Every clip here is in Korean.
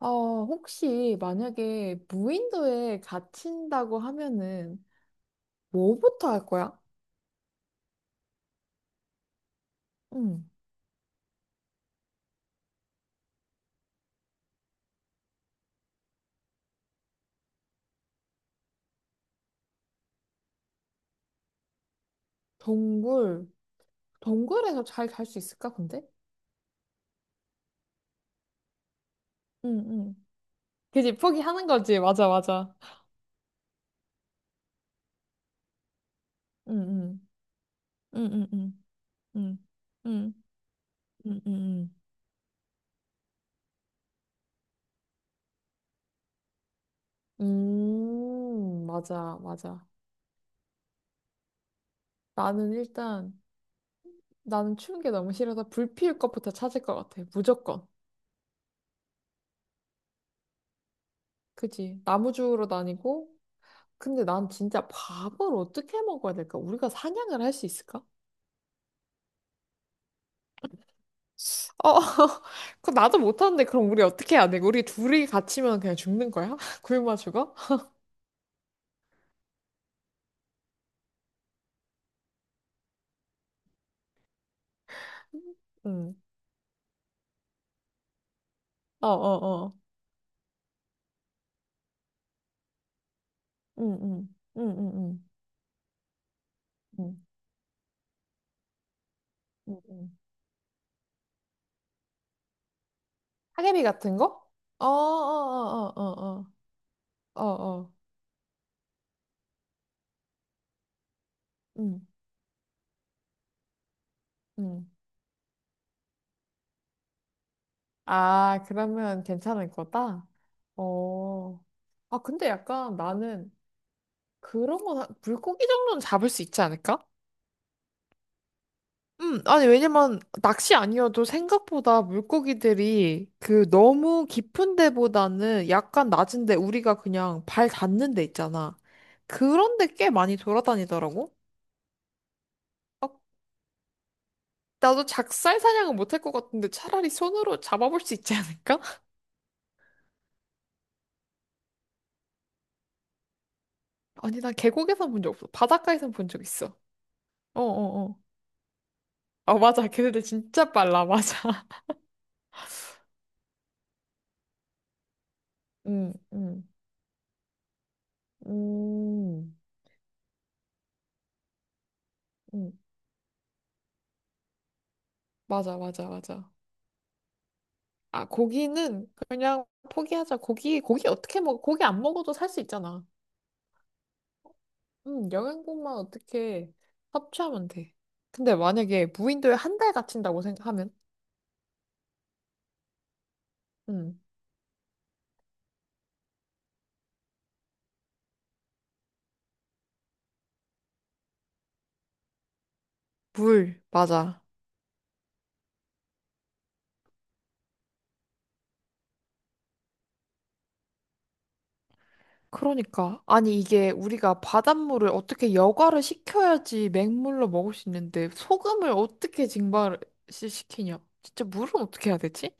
어, 혹시 만약에 무인도에 갇힌다고 하면은 뭐부터 할 거야? 응. 동굴. 동굴에서 잘 잘 수 있을까, 근데? 응, 응. 그지, 포기하는 거지. 맞아, 맞아. 응, 응. 응, 응, 응. 응, 응, 응, 응. 응. 맞아, 맞아. 나는 일단, 나는 추운 게 너무 싫어서 불 피울 것부터 찾을 것 같아. 무조건. 그지. 나무주우러 다니고, 근데 난 진짜 밥을 어떻게 먹어야 될까? 우리가 사냥을 할 수 있을까? 어, 그 나도 못하는데 그럼 우리 어떻게 해야 돼? 우리 둘이 갇히면 그냥 죽는 거야? 굶어 죽어? 응. 어, 어, 어. 응, 응, 응, 응, 응, 응, 응. 응. 사계비 같은 거? 어, 어, 어, 어, 어, 어, 어, 어. 응, 응. 아, 그러면 괜찮을 거다? 어. 아, 근데 약간 나는 그런 건 물고기 정도는 잡을 수 있지 않을까? 아니, 왜냐면, 낚시 아니어도 생각보다 물고기들이 그 너무 깊은 데보다는 약간 낮은 데 우리가 그냥 발 닿는 데 있잖아. 그런데 꽤 많이 돌아다니더라고? 아, 나도 작살 사냥은 못 할 것 같은데 차라리 손으로 잡아볼 수 있지 않을까? 아니, 난 계곡에선 본 적 없어. 바닷가에선 본 적 있어. 어어어. 어, 어, 어. 어, 맞아. 걔네들 진짜 빨라. 맞아. 응, 응. 음, 음, 음, 맞아, 맞아, 맞아. 아, 고기는 그냥 포기하자. 고기, 고기 어떻게 먹어? 고기 안 먹어도 살 수 있잖아. 영양분만 어떻게 섭취하면 돼. 근데 만약에 무인도에 한 달 갇힌다고 생각하면? 음, 물, 맞아. 그러니까. 아니, 이게 우리가 바닷물을 어떻게 여과를 시켜야지 맹물로 먹을 수 있는데, 소금을 어떻게 증발을 시키냐? 진짜 물은 어떻게 해야 되지?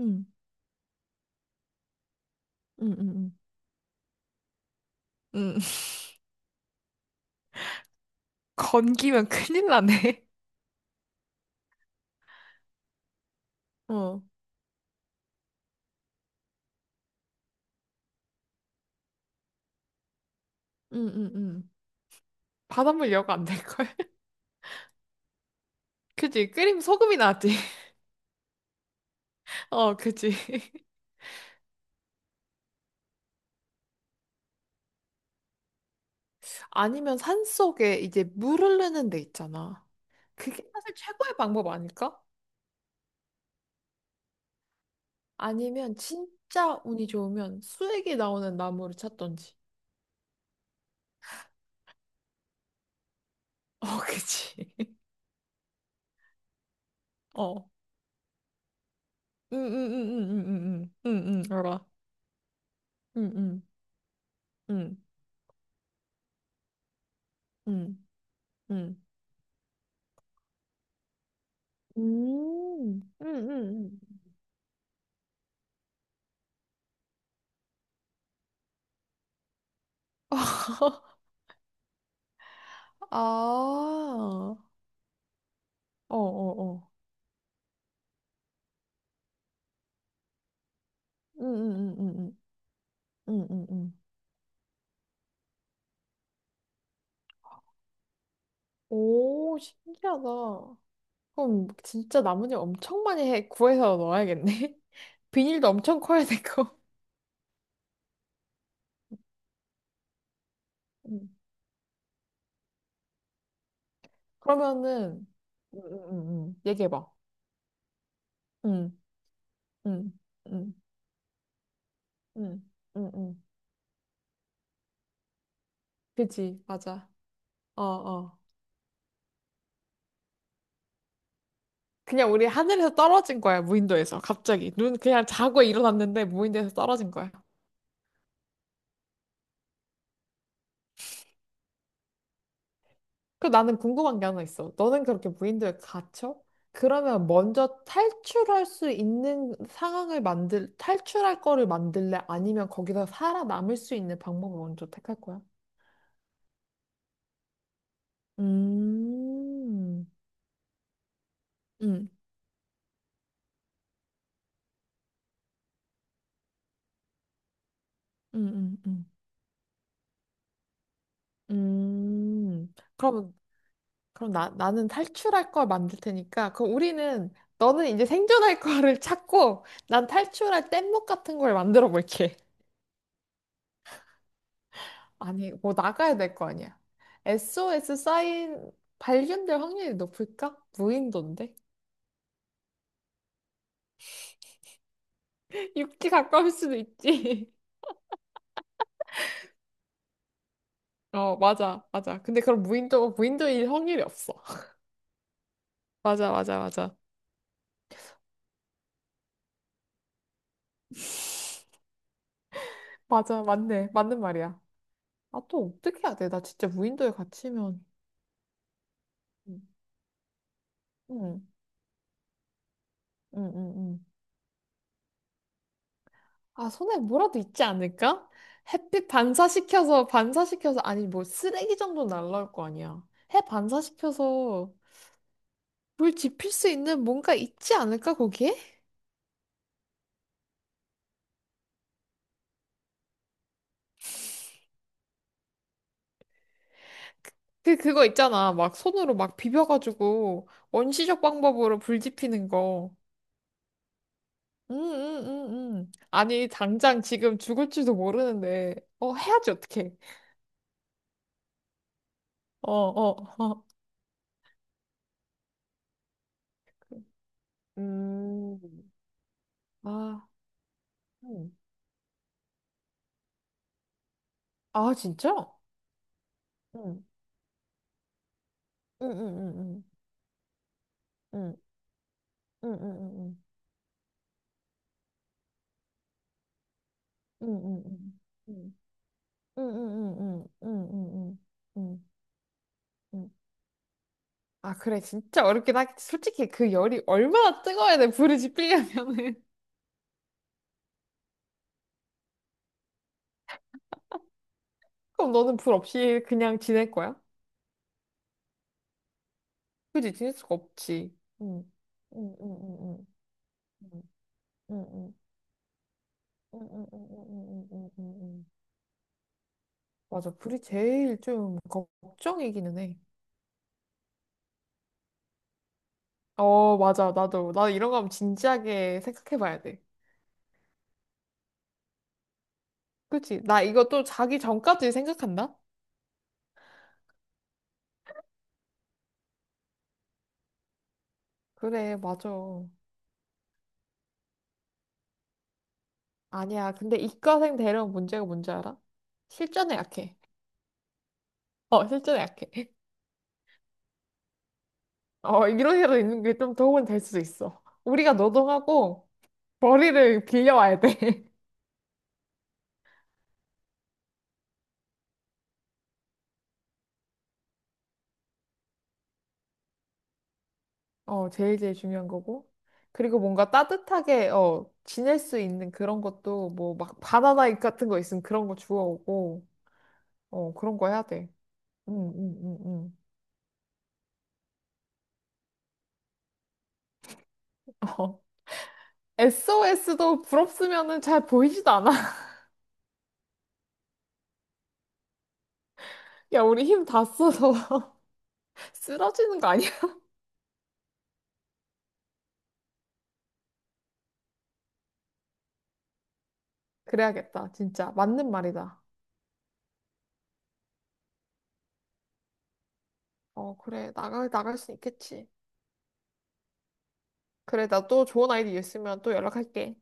음, 음, 음, 음. 음, 건기면 큰일 나네. 어, 음, 음, 음. 바닷물 여가 안 될걸? 그지? 끓이면 소금이 나지. 어, 그지? 아니면 산속에 이제 물 흐르는 데 있잖아. 그게 사실 최고의 방법 아닐까? 아니면 진짜 운이 좋으면 수액이 나오는 나무를 찾던지. 어, 그지? 어. 응, 응, 응, 응, 응, 응, 응, 응, 알아. 응, 응, 응, 응, 응. 응, 응, 응. 아, 어, 어, 어. 응, 응, 응, 응, 응, 응, 응. 오, 신기하다. 그럼 진짜 나뭇잎 엄청 많이 해, 구해서 넣어야겠네. 비닐도 엄청 커야 되고. 음. 그러면은, 얘기해봐. 응, 응, 응, 응, 응, 응. 그지, 맞아. 어, 어. 그냥 우리 하늘에서 떨어진 거야, 무인도에서. 갑자기. 눈, 그냥 자고 일어났는데 무인도에서 떨어진 거야. 그 나는 궁금한 게 하나 있어. 너는 그렇게 무인도에 갇혀? 그러면 먼저 탈출할 수 있는 상황을 만들, 탈출할 거를 만들래? 아니면 거기서 살아남을 수 있는 방법을 먼저 택할 거야? 음, 음, 음, 음, 음. 음. 그럼, 그럼 나, 나는 탈출할 걸 만들 테니까, 그럼 우리는, 너는 이제 생존할 거를 찾고, 난 탈출할 뗏목 같은 걸 만들어 볼게. 아니, 뭐 나가야 될 거 아니야. SOS 사인 발견될 확률이 높을까? 무인도인데? 육지 가까울 수도 있지. 어, 맞아, 맞아. 근데 그럼 무인도, 무인도일 확률이 없어. 맞아, 맞아, 맞아. 맞아, 맞네. 맞는 말이야. 아, 또 어떻게 해야 돼? 나 진짜 무인도에 갇히면. 응, 응, 응, 응. 응. 아, 손에 뭐라도 있지 않을까? 햇빛 반사시켜서, 반사시켜서, 아니, 뭐, 쓰레기 정도 날라올 거 아니야. 해 반사시켜서 불 지필 수 있는 뭔가 있지 않을까, 거기에? 거 있잖아. 막 손으로 막 비벼가지고 원시적 방법으로 불 지피는 거. 아니, 당장 지금 죽을지도 모르는데. 어, 해야지, 어떻게 어, 어, 어. 음. 아, 음. 아, 진짜? 응. 응, 응, 응, 응. 응, 응, 응, 응. 응, 응, 응. 응, 응, 응, 응. 응, 응, 응. 응, 응. 아, 그래. 진짜 어렵긴 하겠지. 솔직히 그 열이 얼마나 뜨거워야 돼. 불이 지필려면은. 그럼 너는 불 없이 그냥 지낼 거야? 그지? 지낼 수가 없지. 응. 응, 응, 응, 응. 응, 응, 응, 응, 응, 응, 응, 응, 응, 응. 응, 응, 응, 응, 응. 맞아. 불이 제일 좀 걱정이기는 해. 어, 맞아. 나도. 나 이런 거 하면 진지하게 생각해 봐야 돼. 그치? 나 이거 또 자기 전까지 생각한다? 그래, 맞아. 아니야. 근데 이과생 대령 문제가 뭔지 알아? 실전에 약해. 어, 실제로 약해. 어, 이런 식으로 있는 게 좀 도움은 될 수도 있어. 우리가 노동하고 벌이를 빌려와야 돼. 어, 제일 제일 중요한 거고. 그리고 뭔가 따뜻하게, 어, 지낼 수 있는 그런 것도 뭐 막 바나나 같은 거 있으면 그런 거 주워오고, 어, 그런 거 해야 돼. 응, 응, 응, 응. 어. SOS도 부럽으면은 잘 보이지도 않아. 야, 우리 힘 다 써서 쓰러지는 거 아니야? 그래야겠다. 진짜. 맞는 말이다. 어, 그래. 나가, 나갈 수 있겠지. 그래, 나 또 좋은 아이디 있으면 또 연락할게.